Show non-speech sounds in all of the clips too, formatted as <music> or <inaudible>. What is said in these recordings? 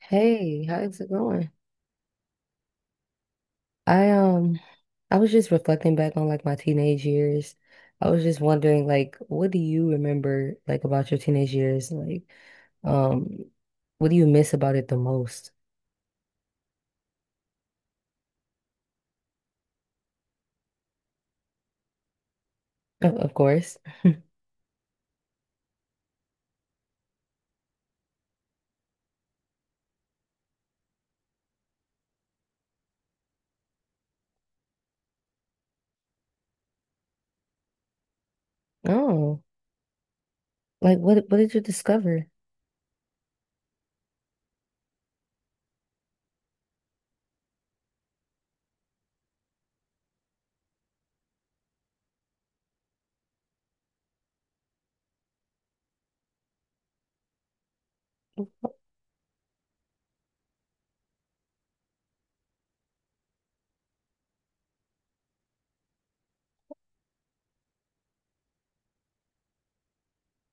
Hey, how's it going? I I was just reflecting back on like my teenage years. I was just wondering like what do you remember like about your teenage years? Like um what do you miss about it the most? <laughs> Of course. Oh, like what did you discover?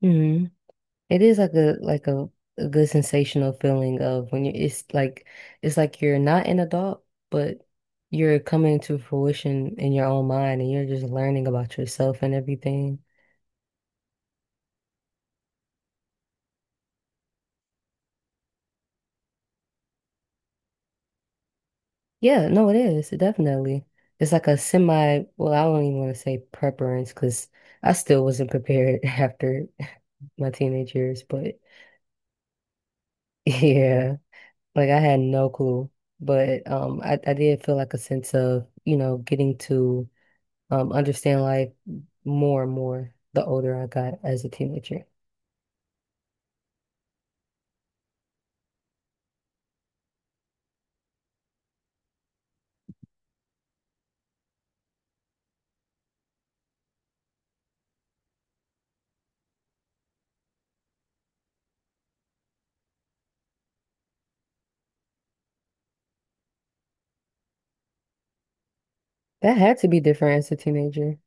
Hmm. It is like a a good sensational feeling of when you it's like you're not an adult, but you're coming to fruition in your own mind and you're just learning about yourself and everything. Yeah, no, it is. Definitely. It's like a semi, well, I don't even want to say preference because I still wasn't prepared <laughs> after my teenage years, but <laughs> yeah, like I had no clue. I did feel like a sense of, getting to understand life more and more the older I got as a teenager. That had to be different as a teenager.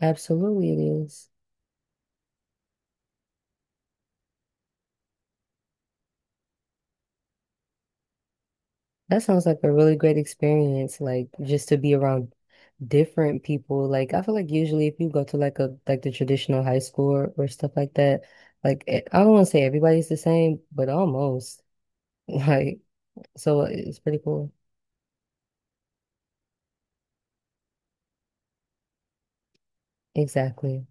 Absolutely it is. That sounds like a really great experience, like just to be around different people. Like I feel like usually if you go to like a like the traditional high school or stuff like that, like it, I don't want to say everybody's the same, but almost. <laughs> Like so it's pretty cool. Exactly.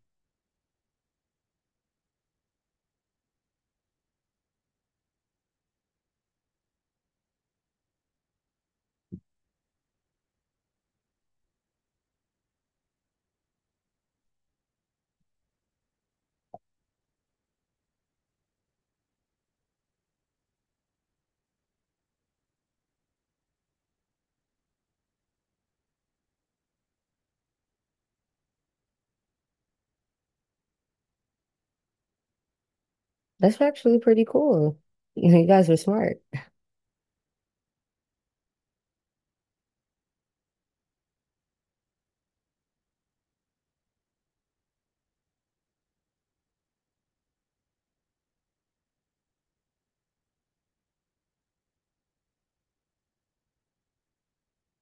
That's actually pretty cool. <laughs> You guys were smart.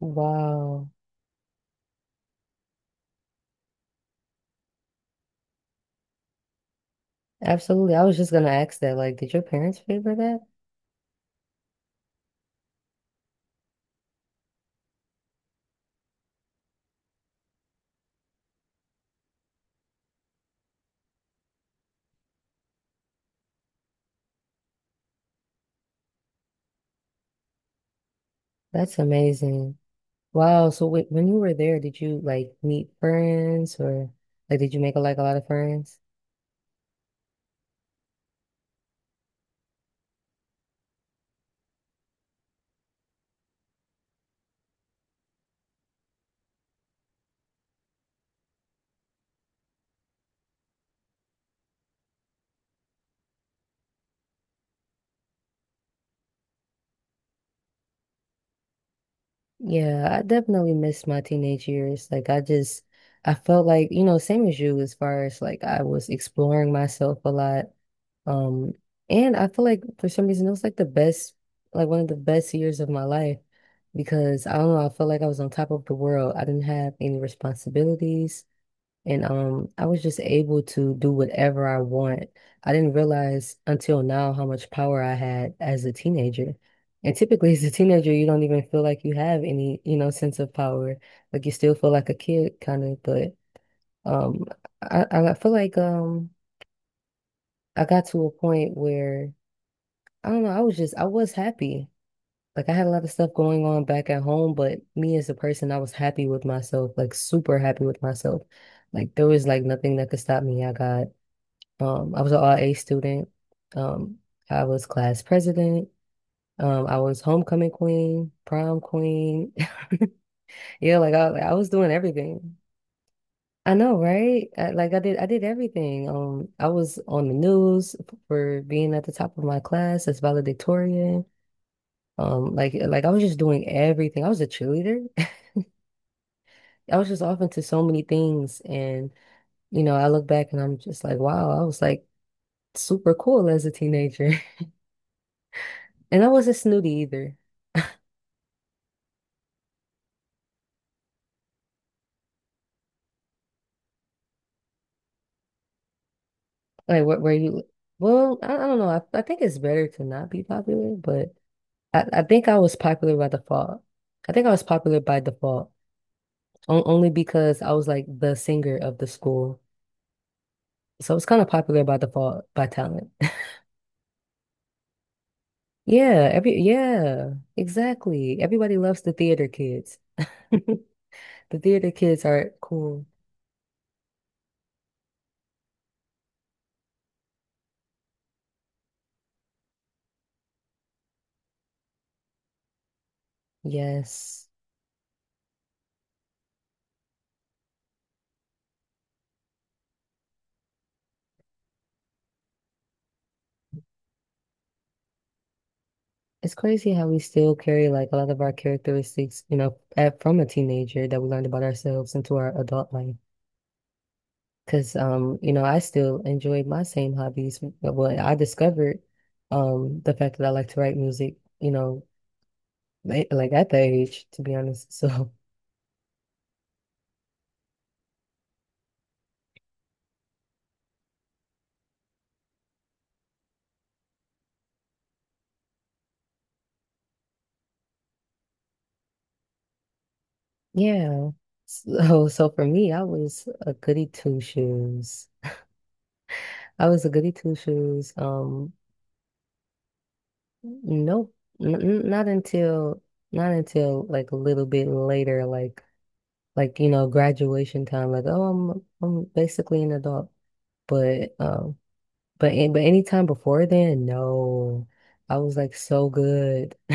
Wow. Absolutely. I was just gonna ask that. Like, did your parents favor that? That's amazing. Wow. So when you were there, did you like meet friends or like did you make like a lot of friends? Yeah, I definitely miss my teenage years. Like I just I felt like, you know, same as you as far as like I was exploring myself a lot. Um and I feel like for some reason it was like the best like one of the best years of my life because I don't know, I felt like I was on top of the world. I didn't have any responsibilities. And I was just able to do whatever I want. I didn't realize until now how much power I had as a teenager. And typically, as a teenager, you don't even feel like you have any, you know, sense of power. Like you still feel like a kid, kind of. But um, I feel like I got to a point where I don't know. I was happy. Like I had a lot of stuff going on back at home, but me as a person, I was happy with myself, like super happy with myself. Like there was like nothing that could stop me. I got. I was an RA student. Um, I was class president. I was homecoming queen, prom queen. <laughs> Yeah, like, I was doing everything. I know, right? I did everything. I was on the news for being at the top of my class as valedictorian. I was just doing everything. I was a cheerleader. <laughs> I was just off into so many things, and you know, I look back and I'm just like, wow, I was like super cool as a teenager, <laughs> and I wasn't snooty either. Like where you well, I don't know. I think it's better to not be popular, but I think I was popular by default. I think I was popular by default, only because I was like the singer of the school. So I was kind of popular by default by talent. <laughs> Yeah, exactly. Everybody loves the theater kids. <laughs> The theater kids are cool. Yes. It's crazy how we still carry like a lot of our characteristics, you know, from a teenager that we learned about ourselves into our adult life. Because you know, I still enjoy my same hobbies. Well, I discovered the fact that I like to write music, you know, like at that age, to be honest. <laughs> So yeah. So for me, I was a goody two shoes. I was a goody two shoes. Nope, not until not until like a little bit later, like you know, graduation time. Like, oh, I'm basically an adult. But um but anytime before then, no, I was like so good. <laughs>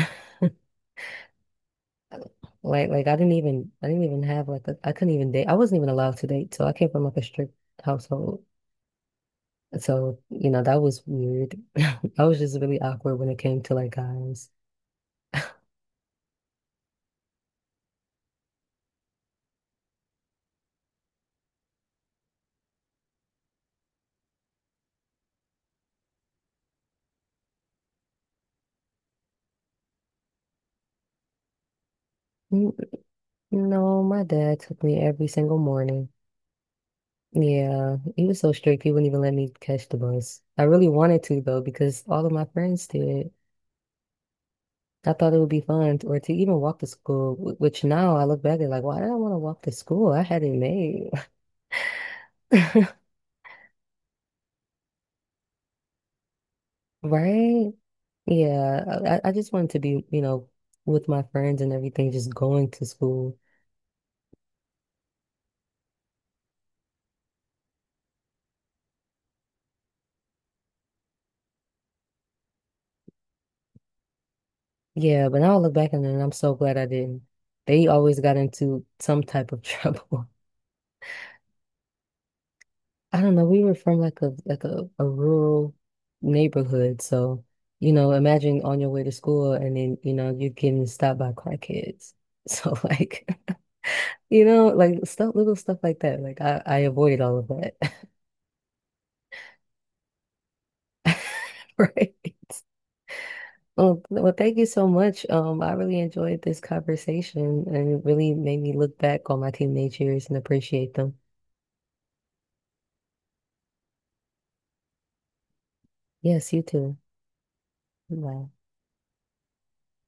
Like I didn't even have like a, I couldn't even date. I wasn't even allowed to date. So I came from like a strict household. So you know that was weird. <laughs> I was just really awkward when it came to like guys. <laughs> Mm, no, my dad took me every single morning. Yeah, he was so strict. He wouldn't even let me catch the bus. I really wanted to though, because all of my friends did. I thought it would be fun, or to even walk to school. Which now I look back at like, why did I want to walk to school? I had it made, <laughs> right? Yeah, I just wanted to be, you know, with my friends and everything, just going to school. Yeah, but now I look back on it, and I'm so glad I didn't. They always got into some type of <laughs> trouble. I don't know. We were from like a rural neighborhood, so you know, imagine on your way to school and then you know you're getting stopped by car kids. So <laughs> like you know, like stuff, little stuff like that. Like I avoided all of that, <laughs> right? Well, thank you so much. I really enjoyed this conversation, and it really made me look back on my teenage years and appreciate them. Yes, you too. Bye.